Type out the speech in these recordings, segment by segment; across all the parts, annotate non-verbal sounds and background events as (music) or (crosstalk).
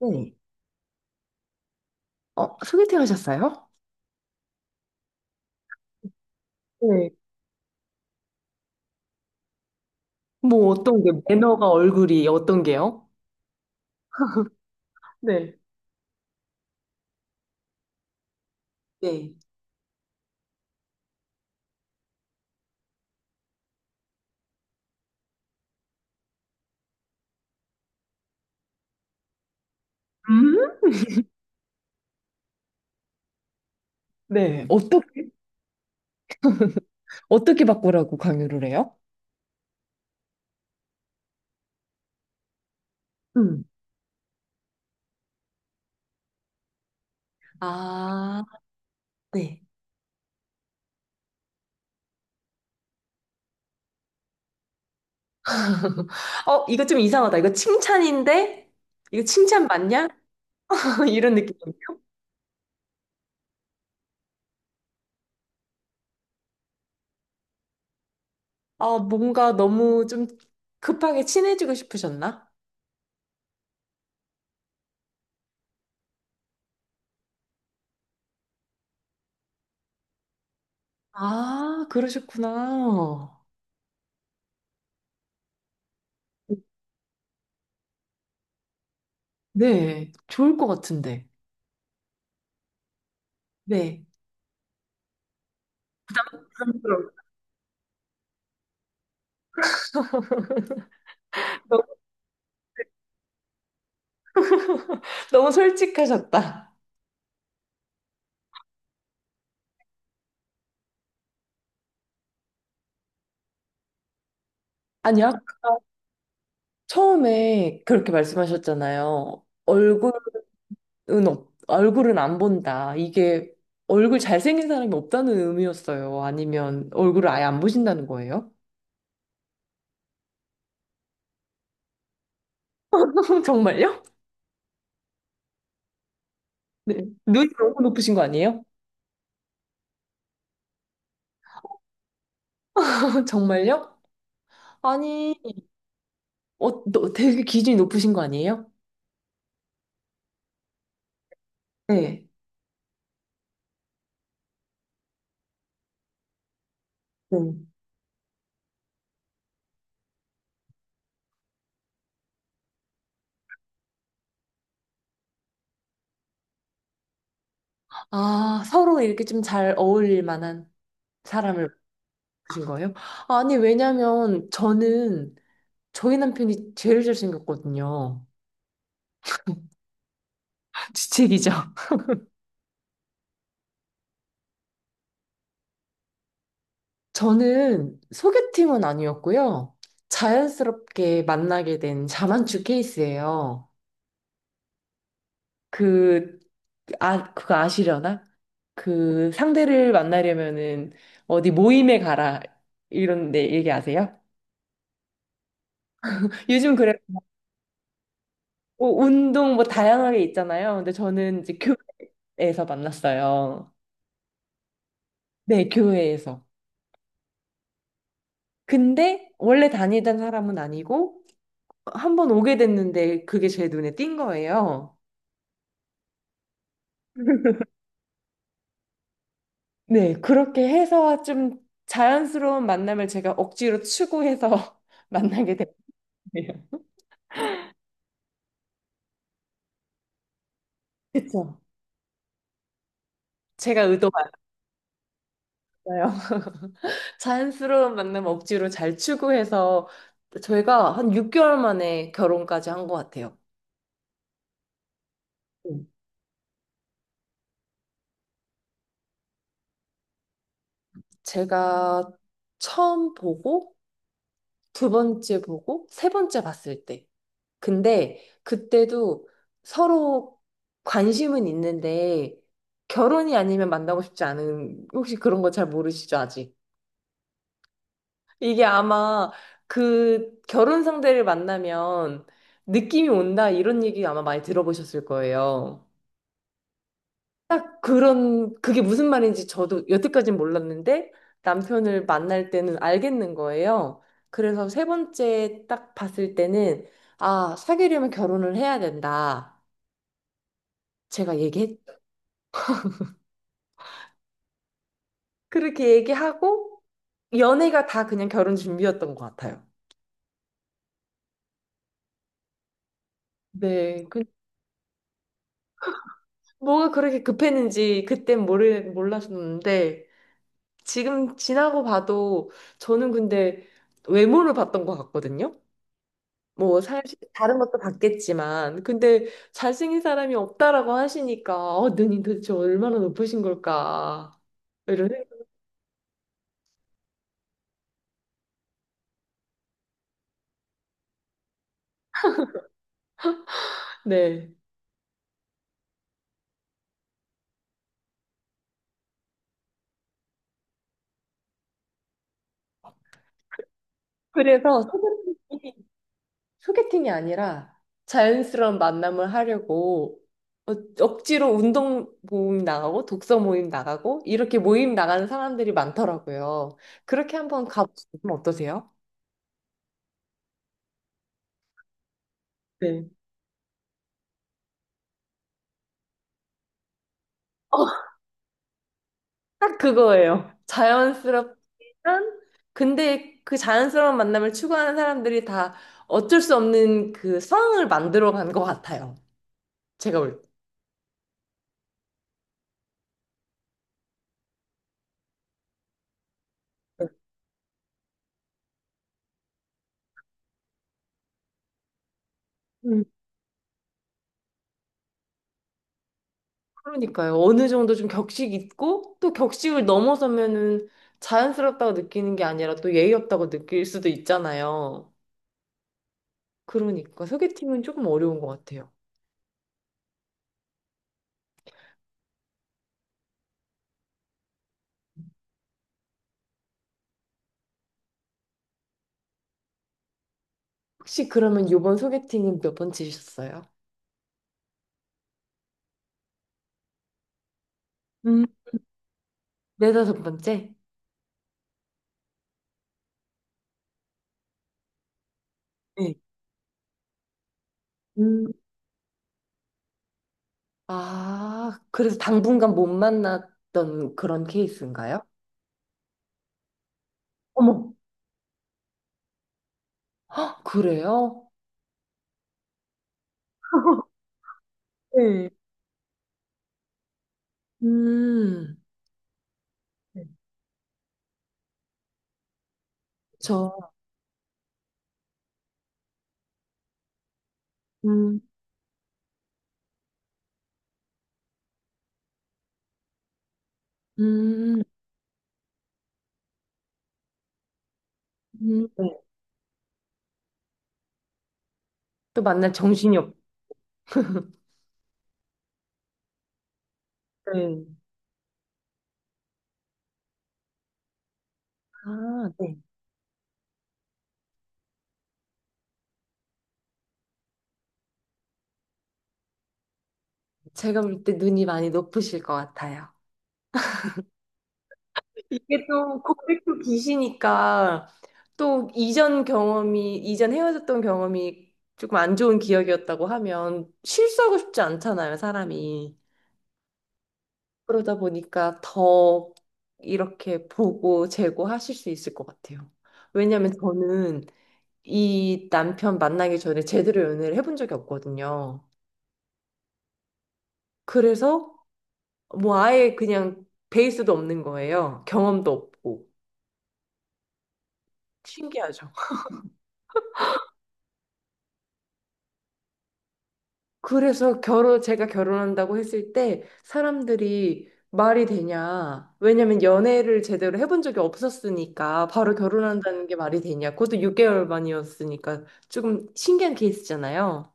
네. 어, 소개팅 하셨어요? 네. 뭐 어떤 게 매너가 얼굴이 어떤 게요? 네. 네. 음? 네. 어떻게 (laughs) 어떻게 바꾸라고 강요를 해요? 음. 아, 네. (laughs) 어, 이거 좀 이상하다. 이거 칭찬인데? 이거 칭찬 맞냐? (laughs) 이런 느낌이에요? 아, 뭔가 너무 좀 급하게 친해지고 싶으셨나? 아, 그러셨구나. 네, 좋을 것 같은데. 네. 부담스러워. 너무 솔직하셨다. 아니, 아 처음에 그렇게 말씀하셨잖아요. 얼굴은, 없, 얼굴은 안 본다. 이게 얼굴 잘생긴 사람이 없다는 의미였어요? 아니면 얼굴을 아예 안 보신다는 거예요? (laughs) 정말요? 네. 눈이 너무 높으신 거 아니에요? (laughs) 정말요? 아니, 어, 너 되게 기준이 높으신 거 아니에요? 네. 네. 아, 서로 이렇게 좀 잘 어울릴 만한 사람을 보신 거예요? 아니, 왜냐면 저는 저희 남편이 제일 잘생겼거든요. (laughs) 주책이죠. 저는 소개팅은 아니었고요. 자연스럽게 만나게 된 자만추 케이스예요. 그, 아, 그거 아시려나? 그 상대를 만나려면은 어디 모임에 가라. 이런데 얘기 아세요? 요즘 그래, 뭐 운동 뭐 다양하게 있잖아요. 근데 저는 이제 교회에서 만났어요. 네, 교회에서. 근데 원래 다니던 사람은 아니고, 한 번 오게 됐는데 그게 제 눈에 띈 거예요. 네, 그렇게 해서 좀 자연스러운 만남을 제가 억지로 추구해서 (laughs) 만나게 됐네요. 그쵸? 제가 의도가 아니었어요. (laughs) 자연스러운 만남 억지로 잘 추구해서 저희가 한 6개월 만에 결혼까지 한 것 같아요. 음. 제가 처음 보고 두 번째 보고 세 번째 봤을 때, 근데 그때도 서로 관심은 있는데 결혼이 아니면 만나고 싶지 않은, 혹시 그런 거 잘 모르시죠, 아직? 이게 아마 그 결혼 상대를 만나면 느낌이 온다, 이런 얘기 아마 많이 들어보셨을 거예요. 그런, 그게 무슨 말인지 저도 여태까진 몰랐는데 남편을 만날 때는 알겠는 거예요. 그래서 세 번째 딱 봤을 때는 아, 사귀려면 결혼을 해야 된다. 제가 얘기했 그렇게 얘기하고 연애가 다 그냥 결혼 준비였던 것 같아요. 네, 그 뭐가 그렇게 급했는지 그땐 모르 몰랐었는데 지금 지나고 봐도 저는 근데 외모를 봤던 것 같거든요. 뭐 사실 다른 것도 봤겠지만 근데 잘생긴 사람이 없다라고 하시니까 어, 눈이 도대체 얼마나 높으신 걸까 이런 생각- 네. 그래서 소개팅이 아니라 자연스러운 만남을 하려고 어- 억지로 운동 모임 나가고 독서 모임 나가고 이렇게 모임 나가는 사람들이 많더라고요. 그렇게 한번 가보시면 어떠세요? 네. 딱 그거예요. 자연스럽지만 근데 그 자연스러운 만남을 추구하는 사람들이 다 어쩔 수 없는 그 상황을 만들어 간 것 같아요. 제가 볼 때. 그러니까요. 어느 정도 좀 격식 있고 또 격식을 넘어서면은 자연스럽다고 느끼는 게 아니라 또 예의 없다고 느낄 수도 있잖아요. 그러니까 소개팅은 조금 어려운 것 같아요. 혹시 그러면 이번 소개팅은 몇 번째셨어요? 음, 네다섯 번째? 네. 음. 아, 그래서 당분간 못 만났던 그런 케이스인가요? 어머. 헉, 그래요? (laughs) 네. 음, 네. 저, 음, 음, 네. 또 만날 정신이 없네. 아, 네. 제가 볼 때 눈이 많이 높으실 것 같아요. 이게 또 고백도 기시니까, 또 이전 경험이, 이전 헤어졌던 경험이 조금 안 좋은 기억이었다고 하면 실수하고 싶지 않잖아요, 사람이. 그러다 보니까 더 이렇게 보고 재고하실 수 있을 것 같아요. 왜냐면 저는 이 남편 만나기 전에 제대로 연애를 해본 적이 없거든요. 그래서 뭐 아예 그냥 베이스도 없는 거예요. 경험도 없고. 신기하죠. 그래서 결혼, 제가 결혼한다고 했을 때 사람들이 말이 되냐. 왜냐면 연애를 제대로 해본 적이 없었으니까 바로 결혼한다는 게 말이 되냐. 그것도 6개월 만이었으니까 조금 신기한 케이스잖아요.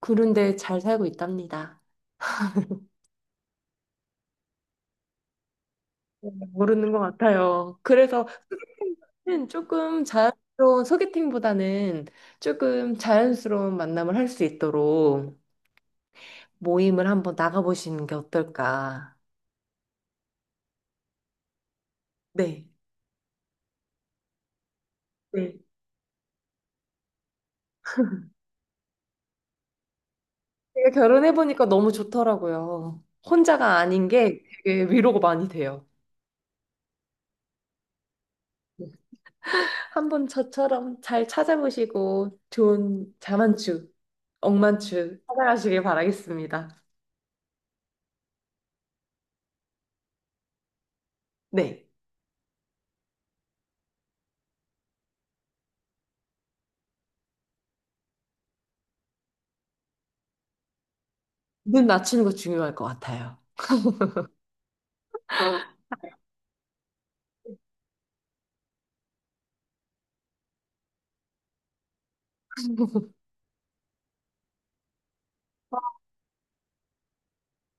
그런데 잘 살고 있답니다. 모르는 것 같아요. 그래서 는 조금 자연스러운 소개팅보다는 조금 자연스러운 만남을 할 수 있도록 모임을 한번 나가보시는 게 어떨까? 네. 네. 제가 결혼해보니까 너무 좋더라고요. 혼자가 아닌 게 되게 위로가 많이 돼요. 한번 저처럼 잘 찾아보시고 좋은 자만추, 억만추 찾아가시길 바라겠습니다. 네. 눈 낮추는 거 중요할 것 같아요.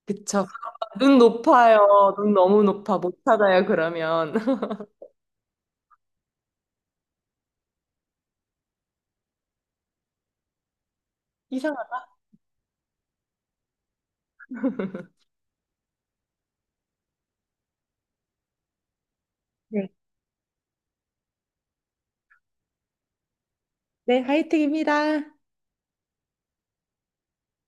그쵸? 눈 높아요. 눈 너무 높아. 못 찾아요, 그러면. (laughs) 이상하네. 네, 하이팅입니다.